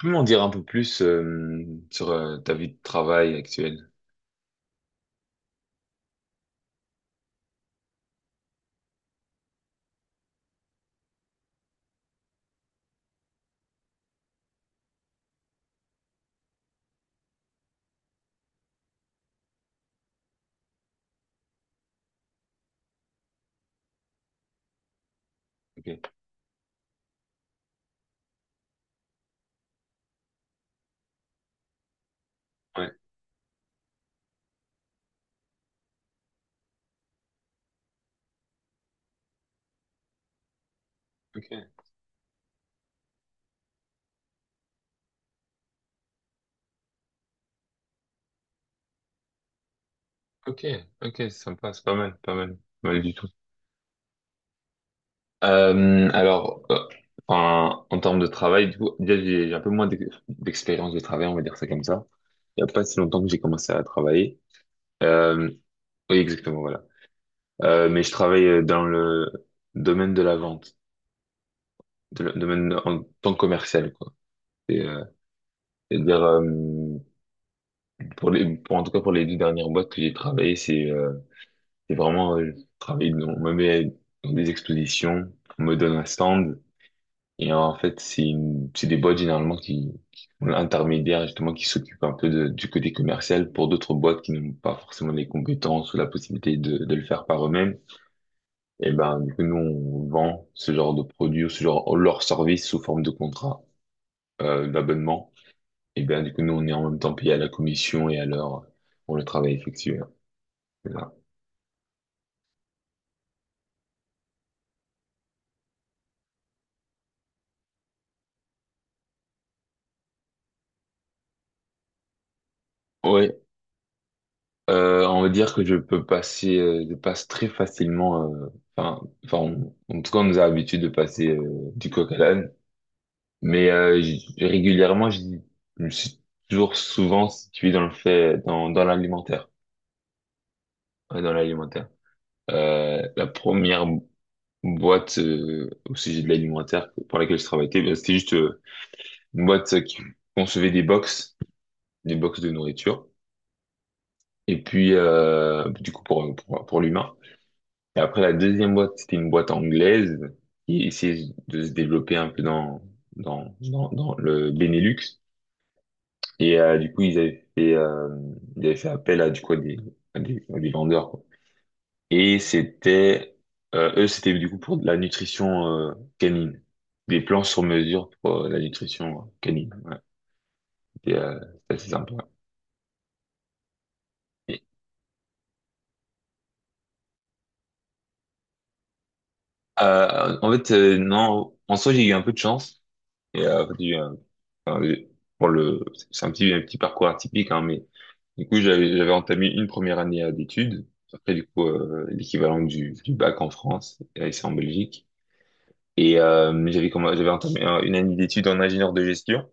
Peux m'en dire un peu plus sur ta vie de travail actuelle? Ok. Ouais. Ok. Ok. Ok. Sympa. C'est pas mal. Pas mal. Pas mal du tout. Alors, en termes de travail, du coup, déjà, j'ai un peu moins d'expérience de travail, on va dire ça comme ça. Il n'y a pas si longtemps que j'ai commencé à travailler. Euh, oui, exactement, voilà. Mais je travaille dans le domaine de la vente, domaine en tant que commercial, quoi. C'est-à-dire pour pour, en tout cas, pour les deux dernières boîtes que j'ai travaillées, c'est vraiment, travailler dans, on me met dans des expositions, on me donne un stand, et en fait, c'est des boîtes généralement qui ont l'intermédiaire, justement, qui s'occupent un peu du côté commercial. Pour d'autres boîtes qui n'ont pas forcément les compétences ou la possibilité de le faire par eux-mêmes, et ben, du coup, nous, on vend ce genre de produits ou ce genre, leur service sous forme de contrat, d'abonnement. Et ben, du coup, nous, on est en même temps payé à la commission et à l'heure pour le travail effectué. Ouais, on va dire que je peux passer, je passe très facilement, en tout cas, on nous a l'habitude de passer du coq à l'âne, mais régulièrement, je me suis toujours souvent situé dans le fait, dans l'alimentaire. Ouais, dans l'alimentaire. La première boîte au sujet de l'alimentaire pour laquelle je travaillais, ben, c'était juste une boîte qui concevait des box de nourriture, et puis du coup pour l'humain. Et après, la deuxième boîte, c'était une boîte anglaise qui essayait de se développer un peu dans le Benelux. Et du coup, ils avaient fait appel à, du coup, à des, à des vendeurs, quoi. Et c'était, eux, c'était du coup pour de la nutrition canine. Des plans sur mesure pour la nutrition canine. Ouais. C'était euh, c'était assez sympa. Et, en fait, non, en soi, j'ai eu un peu de chance. Et, enfin, pour le, c'est un petit parcours atypique, hein, mais du coup, j'avais entamé une première année d'études. Après, du coup, l'équivalent du bac en France, et c'est en Belgique. Et j'avais entamé une année d'études en ingénieur de gestion.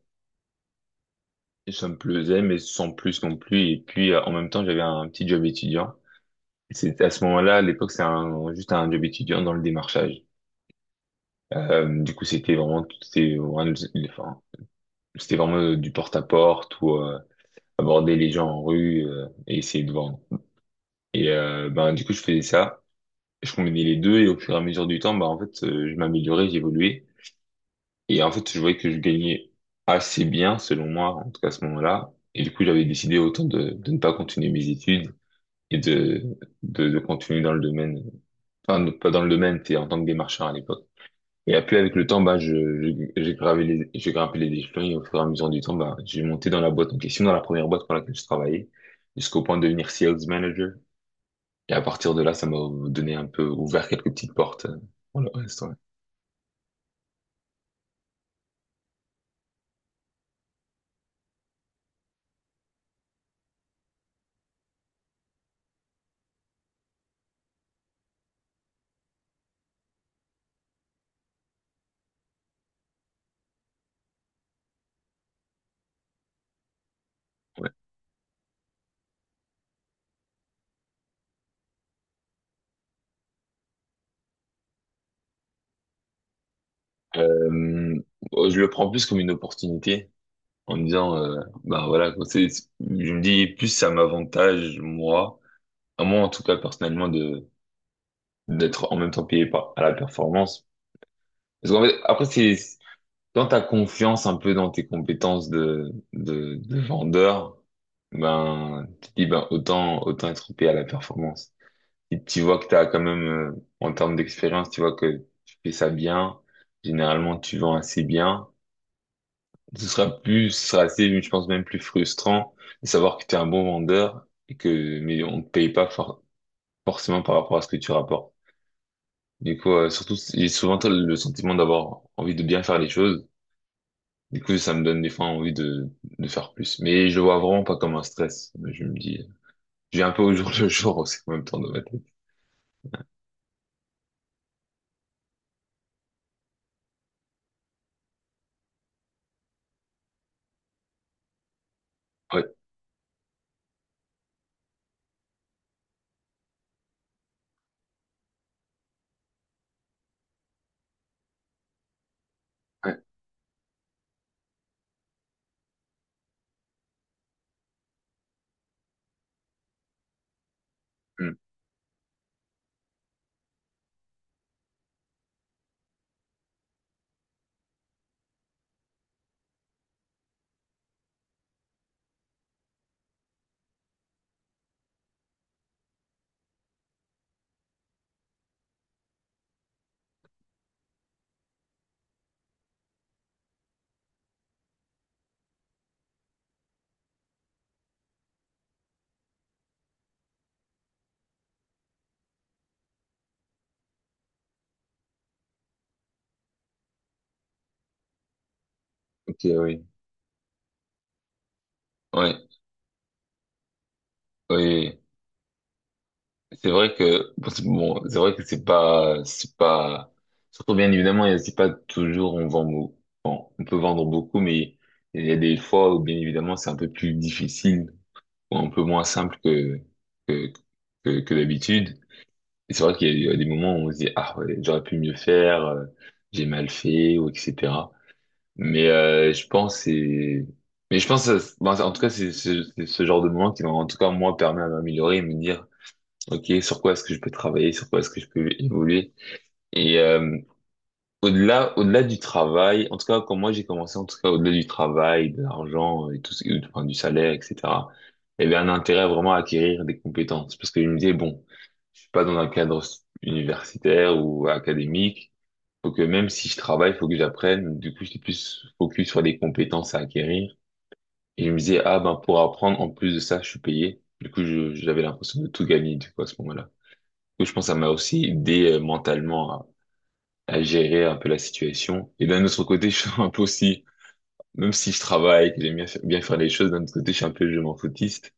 Et ça me plaisait, mais sans plus non plus. Et puis, en même temps, j'avais un petit job étudiant. Et c'est à ce moment-là, à l'époque, juste un job étudiant dans le démarchage. Du coup, c'était vraiment, enfin, c'était vraiment du porte-à-porte ou aborder les gens en rue et essayer de vendre. Et ben du coup je faisais ça, je combinais les deux et au fur et à mesure du temps, ben en fait je m'améliorais, j'évoluais et en fait je voyais que je gagnais assez bien selon moi en tout cas à ce moment-là et du coup j'avais décidé autant de ne pas continuer mes études et de, de continuer dans le domaine, enfin non, pas dans le domaine, c'était en tant que démarcheur à l'époque. Et après, avec le temps, bah, j'ai grimpé les échelons et au fur et à mesure du temps, bah, j'ai monté dans la boîte en question, dans la première boîte pour laquelle je travaillais, jusqu'au point de devenir sales manager. Et à partir de là, ça m'a donné un peu, ouvert quelques petites portes pour le reste, ouais. Ouais. Euh, je le prends plus comme une opportunité en me disant, bah voilà, je me dis plus ça m'avantage, moi, à moi en tout cas personnellement, de d'être en même temps payé par, à la performance. Parce qu'en fait, après, c'est quand tu as confiance un peu dans tes compétences de vendeur, ben, tu te dis, ben, autant, autant être payé à la performance. Si tu vois que tu as quand même, en termes d'expérience, tu vois que tu fais ça bien, généralement tu vends assez bien, ce sera plus, ce sera assez, je pense même plus frustrant de savoir que tu es un bon vendeur et que, mais on te paye pas forcément par rapport à ce que tu rapportes. Du coup, surtout, j'ai souvent le sentiment d'avoir envie de bien faire les choses. Du coup, ça me donne des fois envie de faire plus. Mais je le vois vraiment pas comme un stress. Mais je me dis, je vis un peu au jour le jour aussi en même temps dans ma tête. Ouais, ouais, hmm, ok, oui. Ouais, oui. Oui. C'est vrai que, bon, c'est vrai que c'est pas, surtout bien évidemment, c'est pas toujours on vend, bon, on peut vendre beaucoup, mais il y a des fois où bien évidemment c'est un peu plus difficile ou un peu moins simple que, que, que d'habitude. Et c'est vrai qu'il y a eu des moments où on se dit, ah ouais, j'aurais pu mieux faire, j'ai mal fait, ou etc. Mais euh, je pense c'est... Mais je pense, bon, en tout cas, c'est ce genre de moment qui, en tout cas, moi, permet à m'améliorer et me dire, OK, sur quoi est-ce que je peux travailler, sur quoi est-ce que je peux évoluer. Et, au-delà du travail, en tout cas, quand moi j'ai commencé, en tout cas, au-delà du travail, de l'argent et tout, enfin, du salaire, etc., il y avait un intérêt vraiment à acquérir des compétences. Parce que je me disais, bon, je suis pas dans un cadre universitaire ou académique. Faut que même si je travaille, faut que j'apprenne. Du coup, j'étais plus focus sur des compétences à acquérir. Et je me disais, ah ben, pour apprendre, en plus de ça, je suis payé. Du coup, j'avais l'impression de tout gagner, du coup, à ce moment-là. Du coup, je pense que ça m'a aussi aidé mentalement à gérer un peu la situation. Et d'un autre côté, je suis un peu aussi, même si je travaille, que j'aime bien, bien faire les choses, d'un autre côté, je suis un peu je m'en foutiste.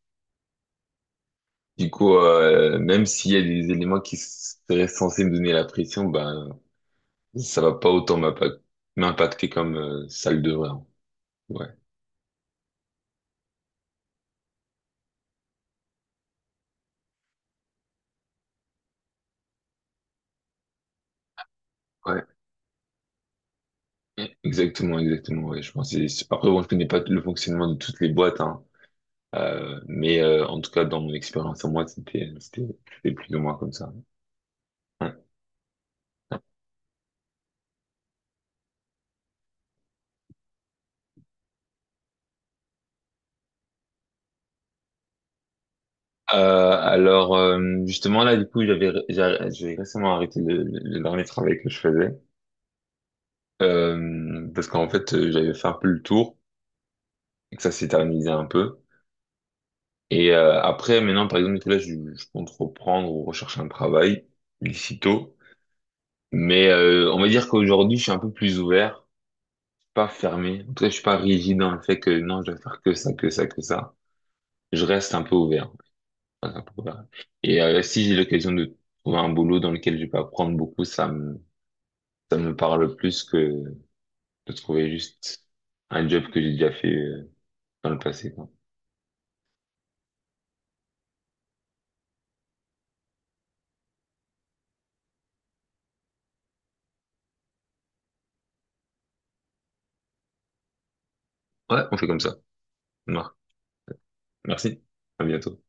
Du coup, même s'il y a des éléments qui seraient censés me donner la pression, ben, ça va pas autant m'impacter comme ça le devrait. Hein. Ouais. Ouais. Exactement, exactement, ouais, je pense. Après, bon, je connais pas le fonctionnement de toutes les boîtes, hein. Mais en tout cas, dans mon expérience, à moi, c'était plus ou moins comme ça. Ouais. Alors justement là du coup j'ai récemment arrêté le dernier travail que je faisais parce qu'en fait j'avais fait un peu le tour et que ça s'éternisait un peu et après maintenant par exemple je compte reprendre ou rechercher un travail d'ici tôt mais on va dire qu'aujourd'hui je suis un peu plus ouvert pas fermé en tout cas je suis pas rigide dans le fait que non je dois faire que ça que ça que ça je reste un peu ouvert. Je reste un peu ouvert. Et si j'ai l'occasion de trouver un boulot dans lequel je peux apprendre beaucoup ça me parle plus que de trouver juste un job que j'ai déjà fait dans le passé, quoi. Ouais, on fait comme ça. Marc, merci. À bientôt.